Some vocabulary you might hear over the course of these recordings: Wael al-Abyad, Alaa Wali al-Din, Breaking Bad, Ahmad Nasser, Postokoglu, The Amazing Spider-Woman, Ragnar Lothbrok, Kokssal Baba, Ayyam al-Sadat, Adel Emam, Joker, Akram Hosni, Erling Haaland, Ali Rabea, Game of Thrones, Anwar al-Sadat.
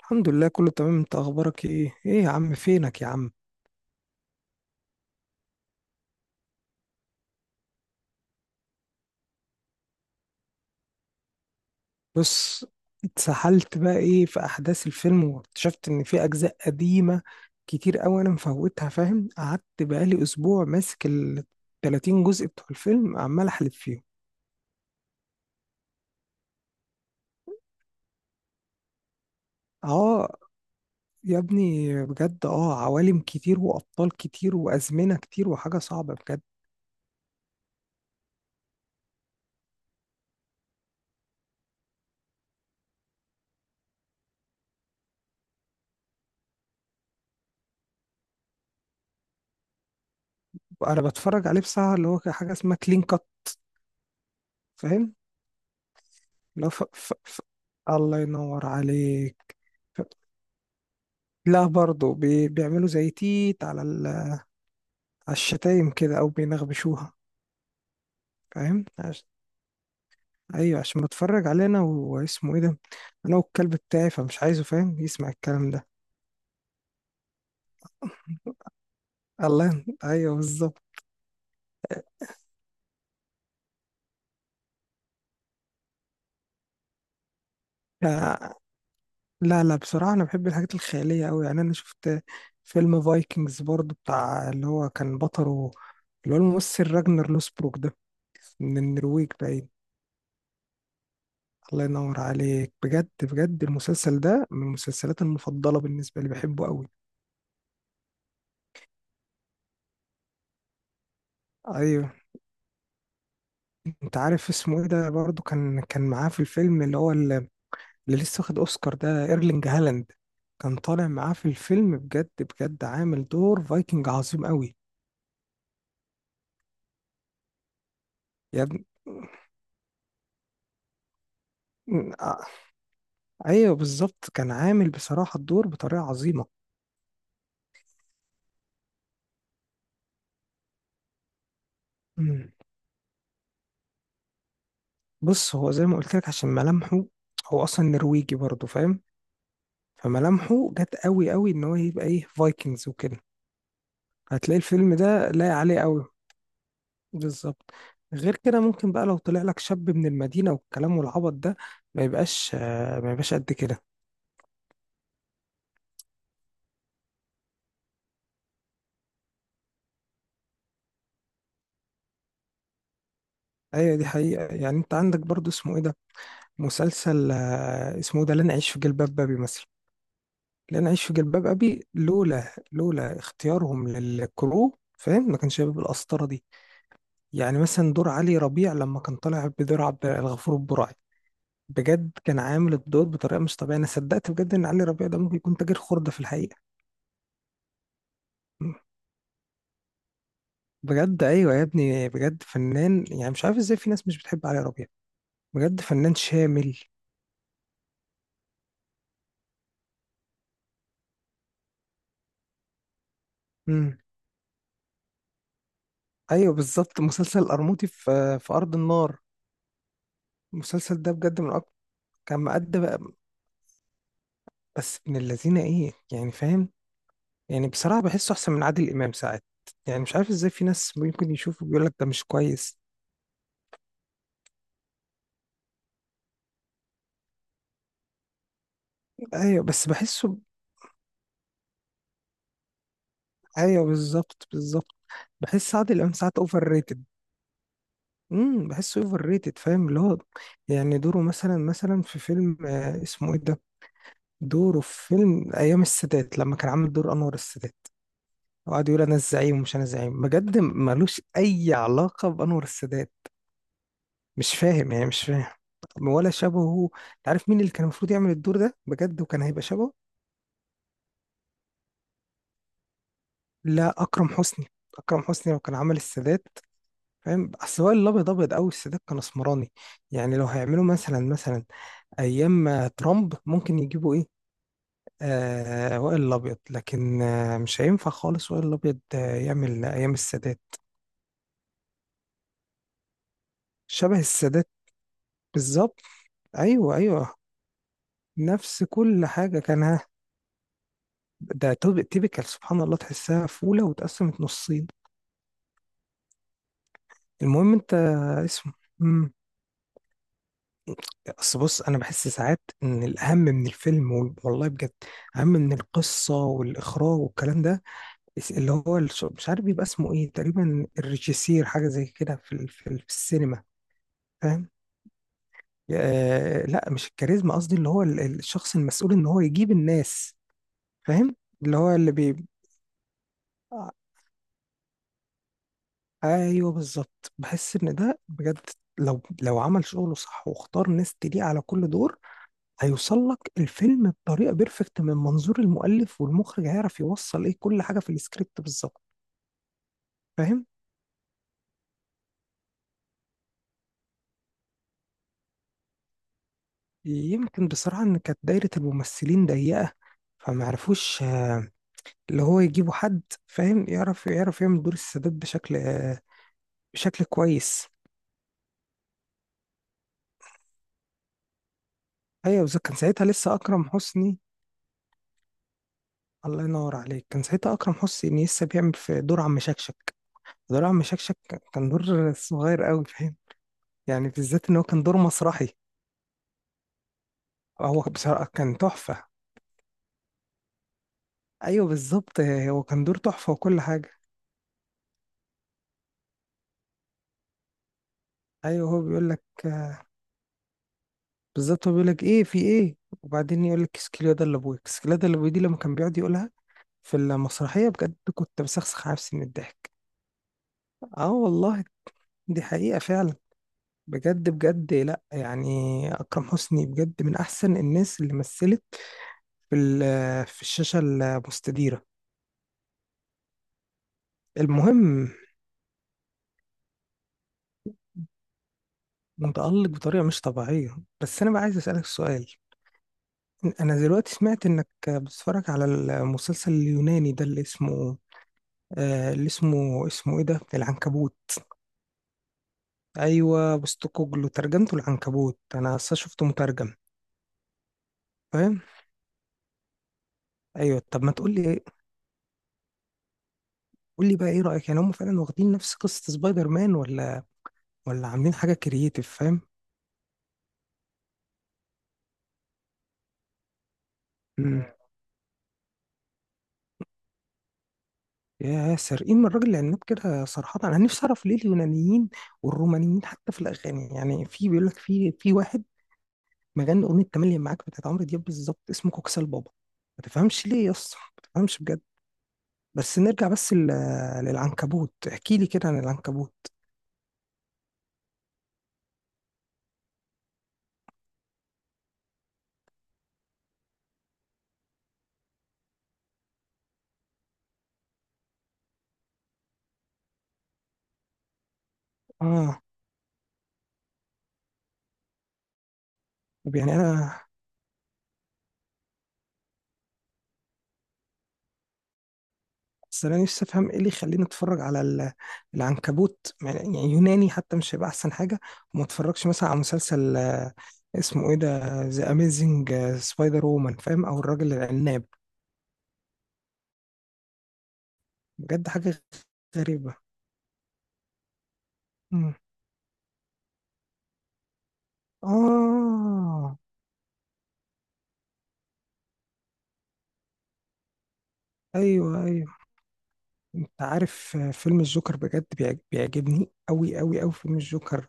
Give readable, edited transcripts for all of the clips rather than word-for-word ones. الحمد لله، كله تمام. انت اخبارك ايه؟ ايه يا عم فينك يا عم؟ بص، اتسحلت بقى ايه في احداث الفيلم واكتشفت ان في اجزاء قديمة كتير قوي انا مفوتها، فاهم؟ قعدت بقالي اسبوع ماسك ال 30 جزء بتوع الفيلم عمال احلب فيهم. اه يا ابني، بجد اه عوالم كتير وابطال كتير وازمنة كتير وحاجة صعبة بجد. انا بتفرج عليه بصراحة اللي هو حاجة اسمها كلين كات، فاهم؟ لو الله ينور عليك. لا برضه بيعملوا زي تيت على على الشتايم كده او بينغبشوها، فاهم؟ ايوه عشان بتفرج علينا واسمه ايه ده، انا والكلب بتاعي فمش عايزه، فاهم، يسمع الكلام ده. الله، ايوه بالظبط. لا لا، بصراحه انا بحب الحاجات الخياليه قوي. يعني انا شفت فيلم فايكنجز برضو، بتاع اللي هو كان بطله اللي هو الممثل راجنر لوسبروك ده، من النرويج باين. الله ينور عليك، بجد بجد المسلسل ده من المسلسلات المفضله بالنسبه لي، بحبه قوي. ايوه، انت عارف اسمه ايه ده، برضه كان معاه في الفيلم اللي هو اللي لسه واخد اوسكار ده، ايرلينج هالاند. كان طالع معاه في الفيلم، بجد بجد عامل دور فايكنج عظيم قوي. يا ابني، م- آه، ايوه بالظبط، كان عامل بصراحة الدور بطريقة عظيمة. مم. بص، هو زي ما قلت لك عشان ملامحه، هو اصلا نرويجي برضه، فاهم؟ فملامحه جت قوي قوي ان هو يبقى ايه فايكنجز وكده. هتلاقي الفيلم ده لايق عليه قوي. بالظبط، غير كده ممكن بقى لو طلع لك شاب من المدينة والكلام والعبط ده ما يبقاش، ما يبقاش قد كده. ايوه دي حقيقة. يعني انت عندك برضو اسمه ايه ده، مسلسل اسمه إيه ده، لن اعيش في جلباب ابي مثلا. لن اعيش في جلباب ابي لولا اختيارهم للكرو، فاهم، ما كانش هيبقى بالقسطرة دي. يعني مثلا دور علي ربيع لما كان طالع بدور عبد الغفور البرعي، بجد كان عامل الدور بطريقة مش طبيعية. انا صدقت بجد ان علي ربيع ده ممكن يكون تاجر خردة في الحقيقة. بجد ايوه يا ابني، بجد فنان. يعني مش عارف ازاي في ناس مش بتحب علي ربيع، بجد فنان شامل. امم، ايوه بالظبط، مسلسل القرموطي في في ارض النار، المسلسل ده بجد من اكتر. كان مقد بقى بس من الذين ايه، يعني فاهم؟ يعني بصراحه بحسه احسن من عادل امام ساعات. يعني مش عارف ازاي في ناس ممكن يشوفه بيقول لك ده مش كويس. ايوه بس بحسه. ايوه بالظبط بالظبط، بحس عادل امام ساعات اوفر ريتد. امم، بحسه اوفر ريتد، فاهم اللي هو، يعني دوره مثلا في فيلم اسمه ايه ده، دوره في فيلم ايام السادات لما كان عامل دور انور السادات، وقعد يقول انا الزعيم ومش انا الزعيم. بجد ملوش اي علاقه بانور السادات، مش فاهم يعني، مش فاهم ولا شبهه. انت عارف مين اللي كان المفروض يعمل الدور ده بجد وكان هيبقى شبهه؟ لا، اكرم حسني. اكرم حسني لو كان عمل السادات، فاهم؟ اصل هو الابيض ابيض قوي، السادات كان اسمراني. يعني لو هيعملوا مثلا ايام ترامب ممكن يجيبوا ايه، آه وائل الأبيض. لكن آه مش هينفع خالص وائل الأبيض آه يعمل أيام السادات. شبه السادات بالظبط. أيوه أيوه، نفس كل حاجة كان ها. ده تيبيكال، سبحان الله تحسها فولة واتقسمت نصين. المهم أنت اسمه مم. أصل بص، أنا بحس ساعات إن الأهم من الفيلم والله بجد أهم من القصة والإخراج والكلام ده، اللي هو مش عارف بيبقى اسمه إيه، تقريبا الريجيسير، حاجة زي كده في السينما، فاهم؟ لا مش الكاريزما قصدي، اللي هو الشخص المسؤول ان هو يجيب الناس. فاهم اللي هو اللي بي، آه، ايوه بالظبط، بحس ان ده بجد، لو عمل شغله صح واختار ناس تليق على كل دور، هيوصل لك الفيلم بطريقه بيرفكت. من منظور المؤلف والمخرج هيعرف يوصل ايه كل حاجه في السكريبت بالظبط، فاهم؟ يمكن بصراحه ان كانت دايره الممثلين ضيقه، فما عرفوش، اللي هو يجيبوا حد، فاهم، يعرف يعمل دور السادات بشكل، بشكل كويس. ايوه بالظبط، كان ساعتها لسه اكرم حسني. الله ينور عليك، كان ساعتها اكرم حسني لسه بيعمل في دور عم شكشك. دور عم شكشك كان دور صغير قوي، فاهم؟ يعني بالذات ان هو كان دور مسرحي. هو بصراحه كان تحفه. ايوه بالظبط، هو كان دور تحفه وكل حاجه. ايوه هو بيقول لك، بالظبط هو بيقول لك ايه في ايه، وبعدين يقول لك اسكليادا اللي ابويا، اسكليادا اللي ابويا دي لما كان بيقعد يقولها في المسرحيه، بجد كنت بسخسخ نفسي من الضحك. اه والله، دي حقيقه فعلا. بجد بجد، لا يعني أكرم حسني بجد من أحسن الناس اللي مثلت في الشاشة المستديرة. المهم، متألق بطريقة مش طبيعية. بس أنا بقى عايز أسألك سؤال، أنا دلوقتي سمعت إنك بتتفرج على المسلسل اليوناني ده اللي اسمه، آه اللي اسمه إيه ده، العنكبوت. أيوة بوستوكوجلو، ترجمته العنكبوت، أنا أصلا شفته مترجم، فاهم؟ أيوة، طب ما تقولي، قولي بقى إيه رأيك؟ يعني هم فعلا واخدين نفس قصة سبايدر مان، ولا ولا عاملين حاجة كرييتيف، فاهم؟ امم، يا سارقين من الراجل العناب كده. صراحة أنا نفسي أعرف ليه اليونانيين والرومانيين حتى في الأغاني، يعني في بيقول لك في واحد مغني أغنية تملي معاك بتاعت عمرو دياب بالظبط، اسمه كوكسال بابا. ما تفهمش ليه يا اسطى، ما تفهمش بجد. بس نرجع بس للعنكبوت، احكي لي كده عن العنكبوت. اه طب يعني أنا، بس انا نفسي افهم ايه اللي يخليني اتفرج على العنكبوت، يعني يوناني حتى مش هيبقى احسن حاجه، وما اتفرجش مثلا على مسلسل اسمه ايه ده، ذا اميزنج سبايدر وومن، فاهم، او الراجل العناب. بجد حاجه غريبه. مم. اه، ايوه ايوه. انت عارف فيلم الجوكر بجد بيعجبني قوي قوي قوي فيلم الجوكر،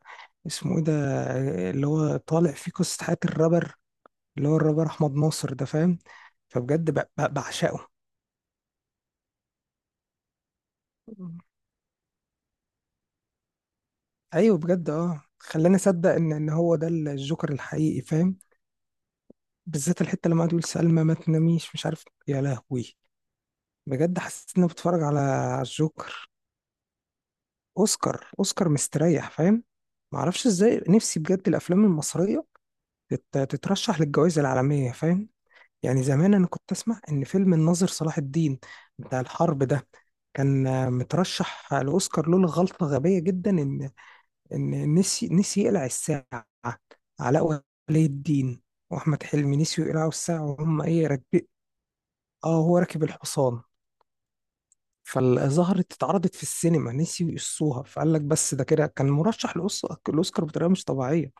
اسمه ايه ده، اللي هو طالع فيه قصه حياه الرابر، اللي هو الرابر احمد ناصر ده، فاهم؟ فبجد بعشقه. ايوه بجد، اه خلاني اصدق ان هو ده الجوكر الحقيقي، فاهم؟ بالذات الحته لما قعد يقول سلمى ما تناميش، مش عارف يا لهوي، بجد حسيت اني بتفرج على على الجوكر. اوسكار، اوسكار مستريح فاهم. ما اعرفش ازاي، نفسي بجد الافلام المصريه تترشح للجوائز العالميه، فاهم؟ يعني زمان انا كنت اسمع ان فيلم الناظر صلاح الدين بتاع الحرب ده كان مترشح لاوسكار، لولا غلطه غبيه جدا، ان ان نسي يقلع الساعه. علاء ولي الدين واحمد حلمي نسيوا يقلعوا الساعه وهم ايه راكبين. اه هو راكب الحصان، فظهرت اتعرضت في السينما، نسيوا يقصوها، فقال لك بس ده كده كان مرشح للاوسكار بطريقه مش طبيعيه.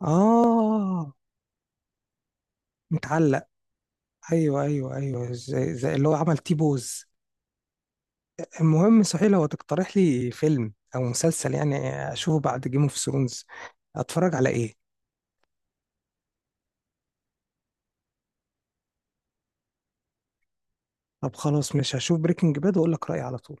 اه متعلق، ايوه ايوه ايوه، زي اللي هو عمل تي بوز. المهم صحيح، لو تقترح لي فيلم او مسلسل يعني اشوفه بعد جيم اوف ثرونز، اتفرج على ايه؟ طب خلاص، مش هشوف بريكنج باد واقول لك رايي على طول.